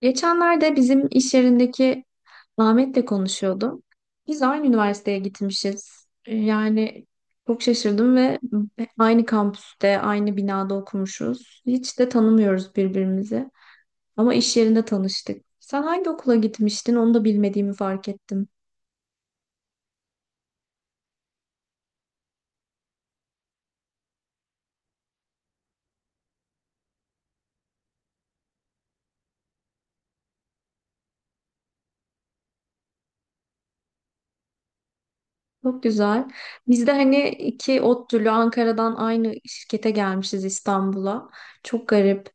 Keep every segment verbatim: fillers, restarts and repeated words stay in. Geçenlerde bizim iş yerindeki Ahmet'le konuşuyordum. Biz aynı üniversiteye gitmişiz. E, Yani çok şaşırdım ve aynı kampüste, aynı binada okumuşuz. Hiç de tanımıyoruz birbirimizi. Ama iş yerinde tanıştık. Sen hangi okula gitmiştin? Onu da bilmediğimi fark ettim. Çok güzel. Biz de hani iki ODTÜ'lü Ankara'dan aynı şirkete gelmişiz İstanbul'a. Çok garip.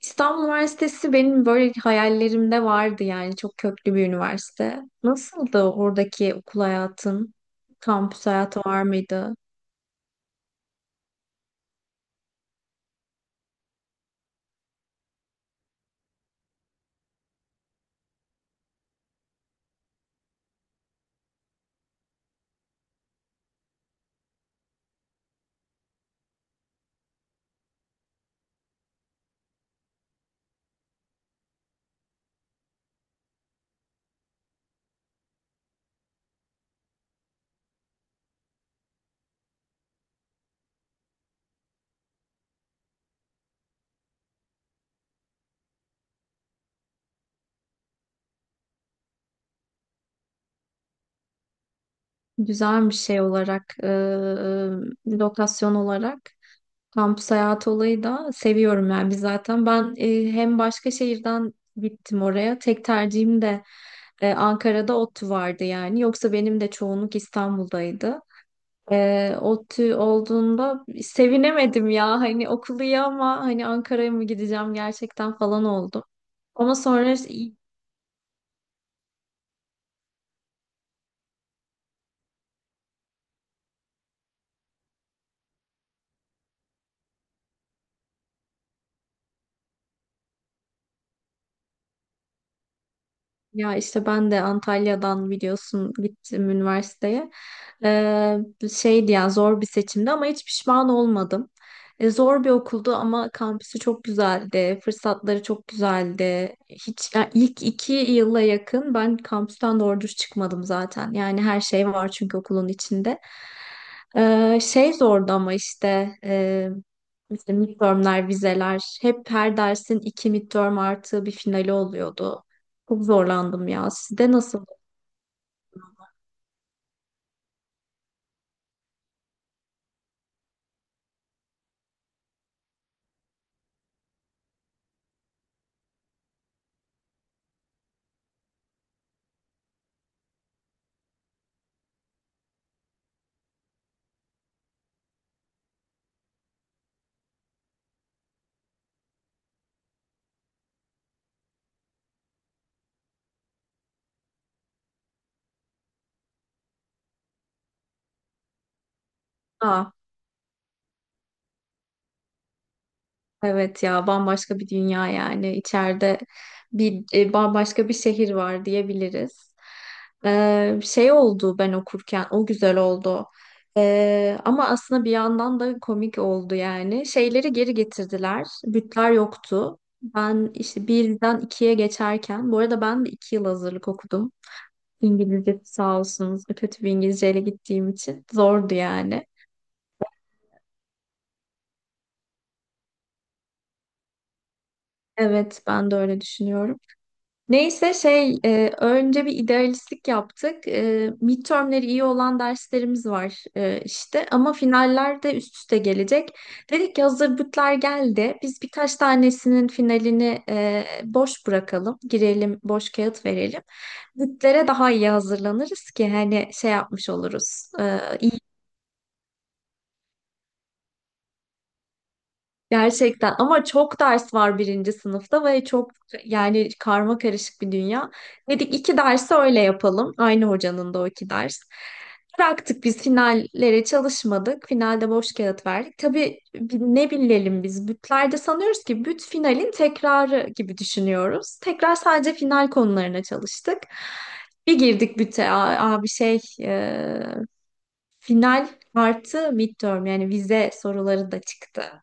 İstanbul Üniversitesi benim böyle hayallerimde vardı yani çok köklü bir üniversite. Nasıldı oradaki okul hayatın? Kampüs hayatı var mıydı? Güzel bir şey olarak, e, lokasyon olarak. Kampüs hayatı olayı da seviyorum yani biz zaten ben e, hem başka şehirden gittim oraya, tek tercihim de e, Ankara'da ODTÜ vardı yani yoksa benim de çoğunluk İstanbul'daydı. E, ODTÜ olduğunda sevinemedim ya, hani okulu iyi ama hani Ankara'ya mı gideceğim gerçekten falan oldum. Ama sonra. Ya işte ben de Antalya'dan biliyorsun gittim üniversiteye. Ee, şeydi yani, zor bir seçimdi ama hiç pişman olmadım. Ee, zor bir okuldu ama kampüsü çok güzeldi. Fırsatları çok güzeldi. Hiç yani ilk iki yıla yakın ben kampüsten doğru düz çıkmadım zaten. Yani her şey var çünkü okulun içinde. Ee, şey zordu ama işte e, işte midtermler, vizeler, hep her dersin iki midterm artı bir finali oluyordu. Çok zorlandım ya. Sizde nasıl? Aa, evet ya, bambaşka bir dünya yani. İçeride bir e, bambaşka bir şehir var diyebiliriz. Ee, şey oldu, ben okurken o güzel oldu. Ee, ama aslında bir yandan da komik oldu yani. Şeyleri geri getirdiler. Bütler yoktu. Ben işte birden ikiye geçerken, bu arada ben de iki yıl hazırlık okudum. İngilizce, sağ olsunuz. Kötü bir İngilizceyle gittiğim için zordu yani. Evet, ben de öyle düşünüyorum. Neyse şey e, önce bir idealistlik yaptık. E, midtermleri iyi olan derslerimiz var e, işte ama finaller de üst üste gelecek. Dedik ki hazır bütler geldi. Biz birkaç tanesinin finalini e, boş bırakalım. Girelim, boş kağıt verelim. Bütlere daha iyi hazırlanırız ki hani şey yapmış oluruz. E, iyi Gerçekten ama çok ders var birinci sınıfta ve çok, yani karma karışık bir dünya. Dedik iki dersi öyle yapalım. Aynı hocanın da o iki ders. Bıraktık, biz finallere çalışmadık. Finalde boş kağıt verdik. Tabii bi- ne bilelim biz, bütlerde sanıyoruz ki büt finalin tekrarı gibi düşünüyoruz. Tekrar sadece final konularına çalıştık. Bir girdik büte, a- abi şey e, final artı midterm, yani vize soruları da çıktı.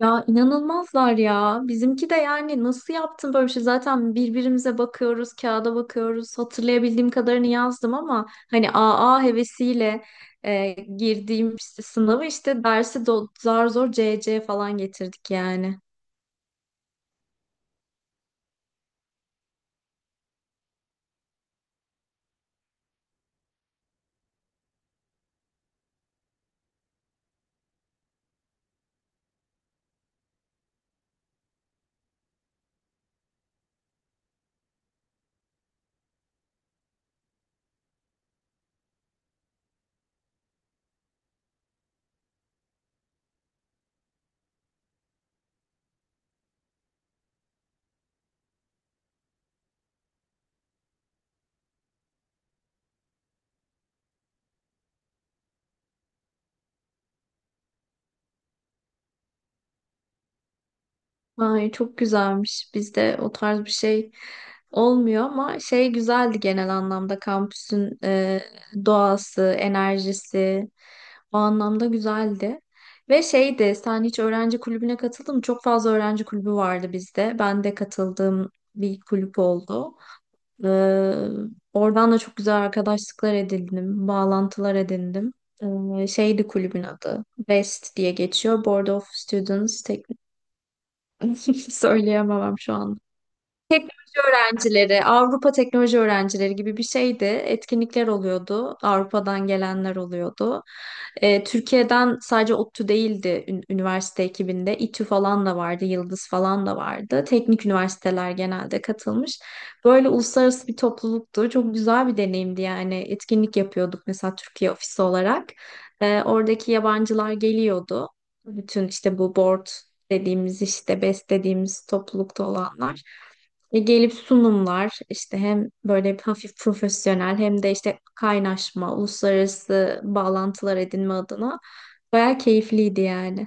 Ya inanılmazlar ya. Bizimki de yani nasıl yaptın böyle bir şey? Zaten birbirimize bakıyoruz, kağıda bakıyoruz. Hatırlayabildiğim kadarını yazdım ama hani A A hevesiyle e, girdiğim işte sınavı, işte dersi do- zar zor C C falan getirdik yani. Ay çok güzelmiş. Bizde o tarz bir şey olmuyor ama şey, güzeldi genel anlamda kampüsün e, doğası, enerjisi. O anlamda güzeldi. Ve şeydi, sen hiç öğrenci kulübüne katıldın mı? Çok fazla öğrenci kulübü vardı bizde. Ben de katıldığım bir kulüp oldu. Ee, oradan da çok güzel arkadaşlıklar edindim, bağlantılar edindim. Ee, şeydi kulübün adı. West diye geçiyor. Board of Students. Söyleyemem şu anda. Öğrencileri, Avrupa teknoloji öğrencileri gibi bir şeydi. Etkinlikler oluyordu. Avrupa'dan gelenler oluyordu. Ee, Türkiye'den sadece ODTÜ değildi ün- üniversite ekibinde. İTÜ falan da vardı, Yıldız falan da vardı. Teknik üniversiteler genelde katılmış. Böyle uluslararası bir topluluktu. Çok güzel bir deneyimdi yani. Etkinlik yapıyorduk mesela Türkiye ofisi olarak. Ee, oradaki yabancılar geliyordu. Bütün işte bu board dediğimiz, işte bes dediğimiz toplulukta olanlar. E, gelip sunumlar, işte hem böyle hafif profesyonel hem de işte kaynaşma, uluslararası bağlantılar edinme adına bayağı keyifliydi yani.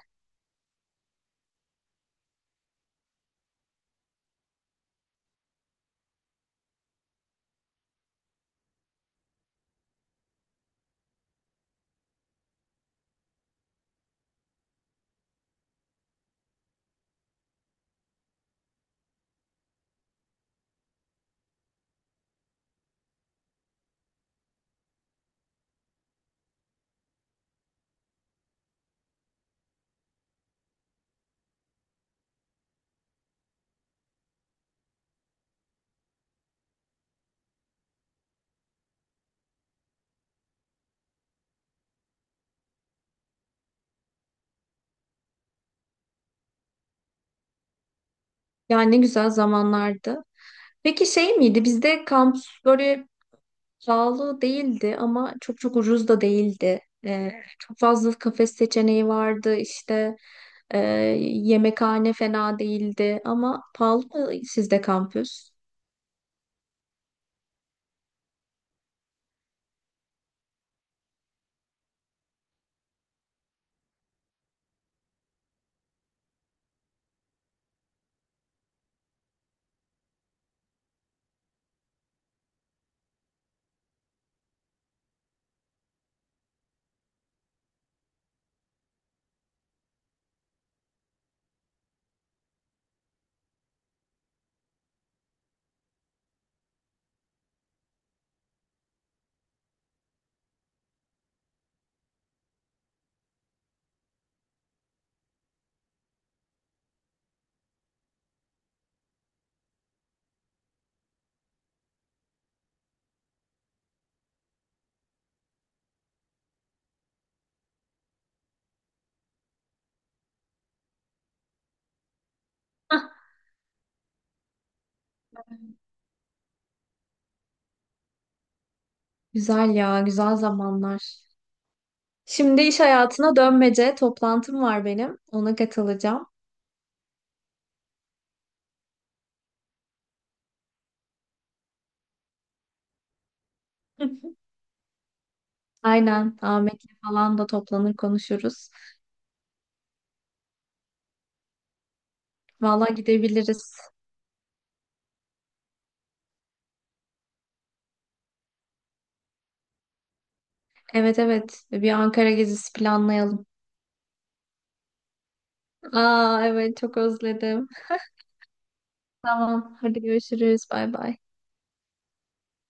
Yani ne güzel zamanlardı. Peki şey miydi, bizde kampüs böyle pahalı değildi ama çok çok ucuz da değildi. E, çok fazla kafe seçeneği vardı, işte e, yemekhane fena değildi ama pahalı mı sizde kampüs? Hah, güzel ya, güzel zamanlar. Şimdi iş hayatına dönmece, toplantım var benim. Ona katılacağım. Aynen. Ahmet'le falan da toplanır konuşuruz. Valla gidebiliriz. Evet, evet. Bir Ankara gezisi planlayalım. Aa, evet çok özledim. Tamam. Hadi görüşürüz. Bay bay.